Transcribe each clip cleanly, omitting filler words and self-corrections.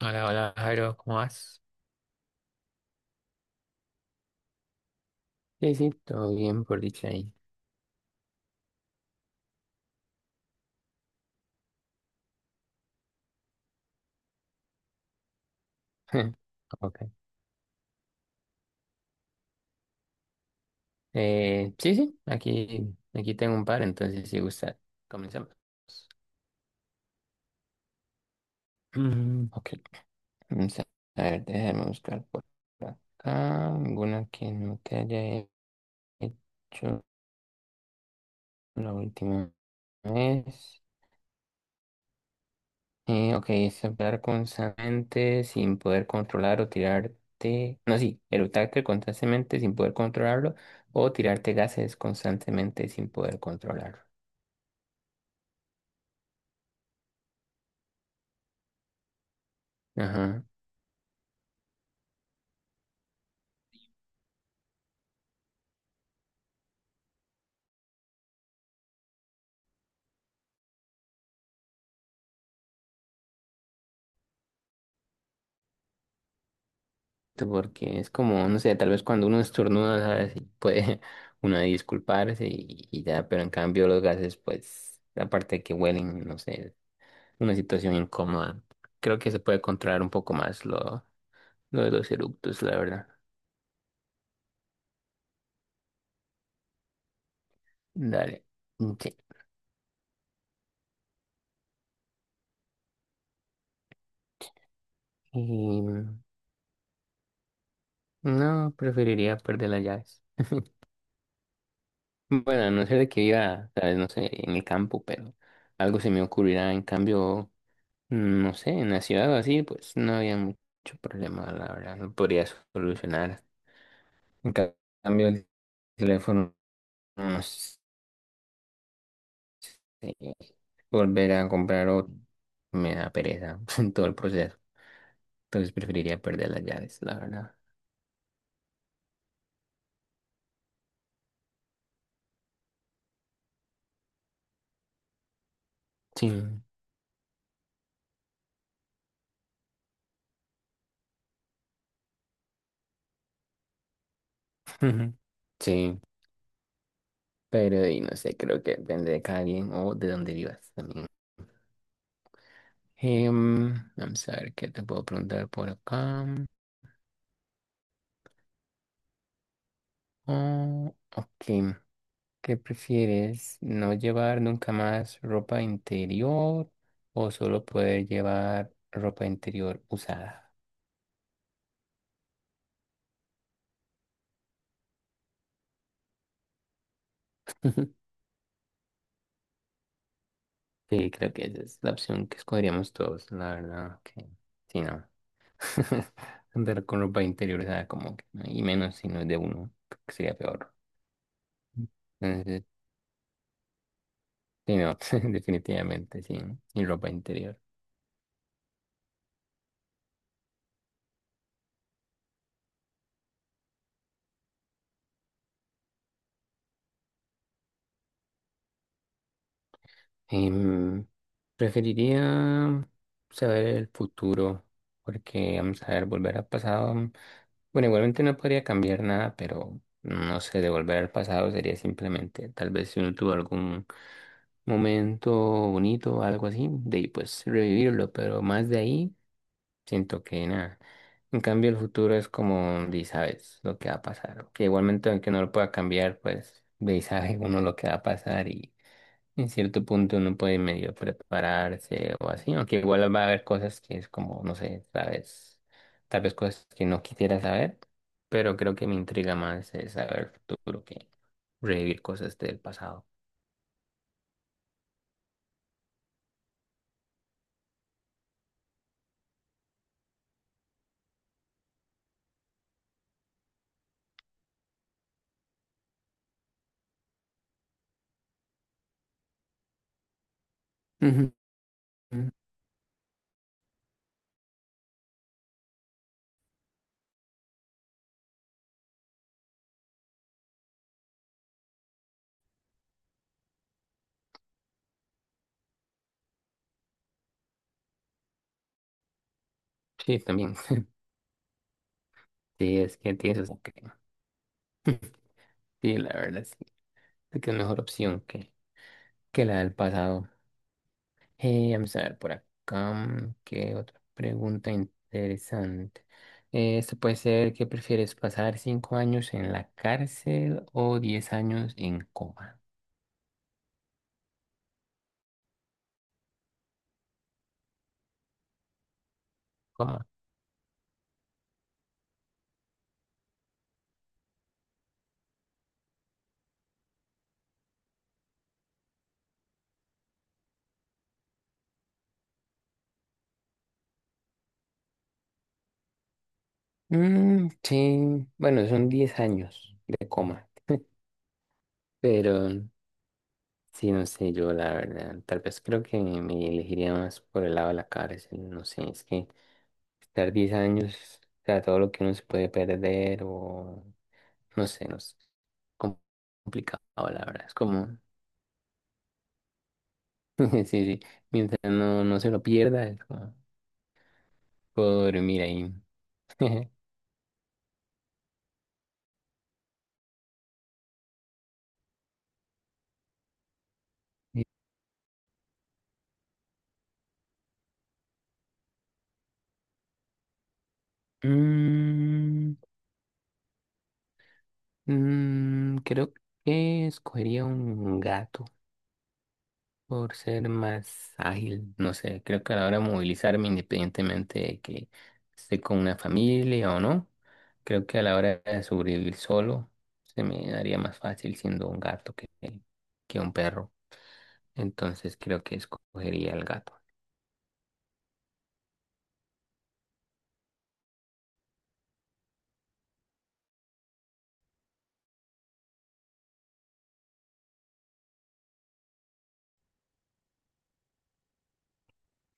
Hola, hola, Jairo, ¿cómo vas? Sí, sí, todo bien por dicha ahí. Ok. Sí, sí, aquí tengo un par, entonces si gusta, comenzamos. Ok, vamos a ver, déjame buscar por acá alguna que no te haya hecho la última vez. Ok, es hablar constantemente sin poder controlar o tirarte. No, sí, eructarte constantemente sin poder controlarlo o tirarte gases constantemente sin poder controlarlo. Ajá, tú, porque es como, no sé, tal vez cuando uno estornuda, ¿sabes? Y puede uno disculparse y ya, pero en cambio los gases, pues, aparte de que huelen, no sé, una situación incómoda. Creo que se puede controlar un poco más lo de los eructos, la verdad. Dale. Sí. No, preferiría perder las llaves. Bueno, a no ser de que viva, tal vez, no sé, en el campo, pero algo se me ocurrirá. En cambio, no sé, en la ciudad o así, pues no había mucho problema, la verdad. Lo podría solucionar. En ca- cambio, el teléfono, no sé, volver a comprar otro me da pereza en todo el proceso. Entonces preferiría perder las llaves, la verdad. Sí. Sí, pero y no sé, creo que depende de cada quien o de dónde vivas también. Vamos a ver qué te puedo preguntar por acá. Oh, ok. ¿Qué prefieres? ¿No llevar nunca más ropa interior o solo poder llevar ropa interior usada? Sí, creo que esa es la opción que escogeríamos todos, la verdad. Que... Sí, no. Andar con ropa interior usada como que, no, y menos si no es de uno, creo que sería peor. Entonces, sí, no, definitivamente, sí, ¿no? Y ropa interior. Em, Preferiría saber el futuro, porque vamos a ver, volver al pasado. Bueno, igualmente no podría cambiar nada, pero no sé, de volver al pasado sería simplemente, tal vez si uno tuvo algún momento bonito o algo así, de ahí pues revivirlo, pero más de ahí siento que nada. En cambio, el futuro es como, de sabes lo que va a pasar, que igualmente aunque no lo pueda cambiar, pues de ahí sabe uno lo que va a pasar y. En cierto punto uno puede medio prepararse o así, aunque igual va a haber cosas que es como, no sé, tal vez cosas que no quisiera saber, pero creo que me intriga más es saber el futuro que revivir cosas del pasado. Ujú, ujú. Sí, también. Sí, es que tienes eso. Sí, la verdad sí, creo que es mejor opción que la del pasado. Vamos a ver por acá, qué otra pregunta interesante. Esto puede ser, ¿qué prefieres, pasar 5 años en la cárcel o 10 años en coma? Coma. Mm, sí, bueno, son 10 años de coma, pero sí, no sé, yo la verdad, tal vez creo que me elegiría más por el lado de la cárcel, no sé, es que estar 10 años, o sea, todo lo que uno se puede perder o no sé, no sé. com- Complicado, la verdad. Es como, sí, sí. Mientras no, no se lo pierda, es como, puedo dormir ahí. Mm, creo que escogería un gato por ser más ágil. No sé, creo que a la hora de movilizarme, independientemente de que esté con una familia o no, creo que a la hora de sobrevivir solo, se me daría más fácil siendo un gato que un perro. Entonces creo que escogería el gato.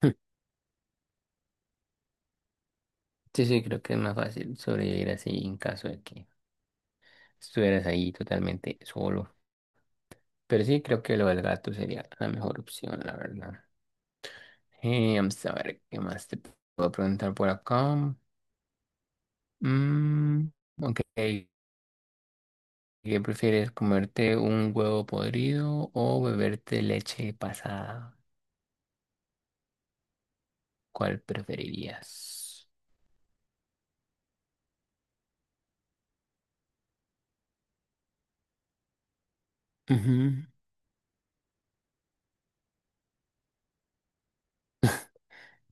Sí, sí, creo que es más fácil sobrevivir así en caso de que estuvieras ahí totalmente solo. Pero sí, creo que lo del gato sería la mejor opción, la verdad. Vamos a ver qué más te puedo preguntar por acá. Mm, ok, ¿qué prefieres? ¿Comerte un huevo podrido o beberte leche pasada? ¿Cuál preferirías? Ujú.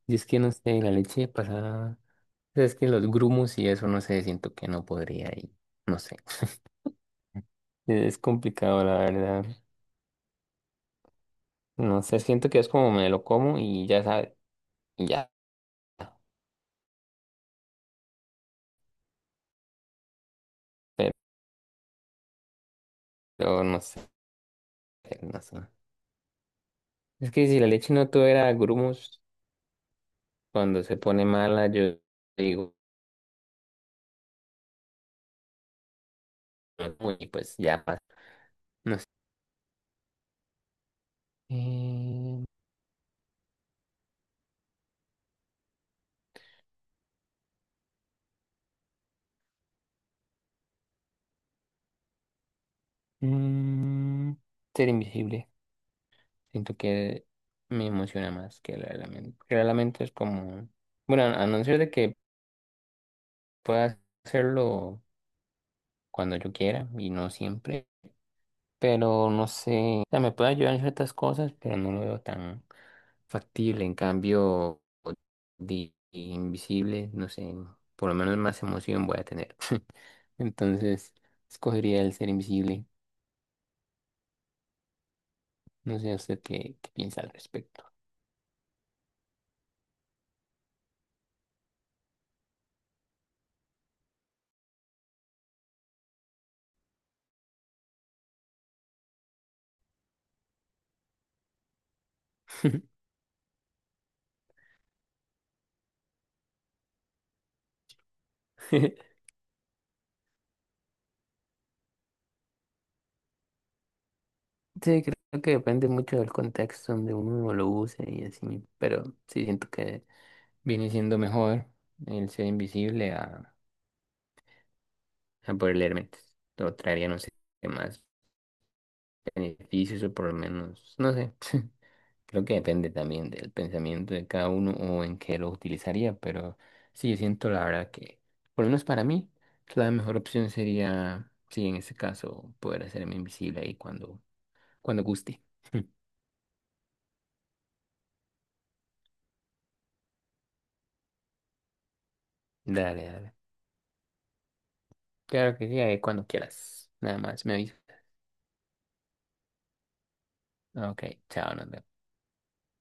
Y es que no sé, la leche pasada. Es que los grumos y eso, no sé, siento que no podría y no sé. Es complicado, la verdad. No sé, siento que es como me lo como y ya sabe, y ya. Pero no sé, no sé. Es que si la leche no tuviera grumos, cuando se pone mala, yo digo, y pues ya pasa. No sé. Eh, mm, ser invisible. Siento que me emociona más que la del lamento. Que la del lamento es como. Bueno, a no ser de que puedo hacerlo cuando yo quiera y no siempre, pero no sé, o sea, me puede ayudar en ciertas cosas, pero no lo veo tan factible. En cambio, de invisible, no sé, por lo menos más emoción voy a tener. Entonces, escogería el ser invisible. No sé usted qué, qué piensa al respecto. Sí, creo que depende mucho del contexto donde uno lo use y así, pero sí siento que viene siendo mejor el ser invisible a poder leer mentes. Lo traería, no sé, qué más beneficios o por lo menos, no sé. Creo que depende también del pensamiento de cada uno o en qué lo utilizaría, pero sí, yo siento la verdad que, por lo menos para mí, la mejor opción sería, sí, en este caso, poder hacerme invisible ahí cuando, cuando guste. Dale, dale. Claro que sí, ahí cuando quieras. Nada más, me aviso. Ok, chao, nos vemos.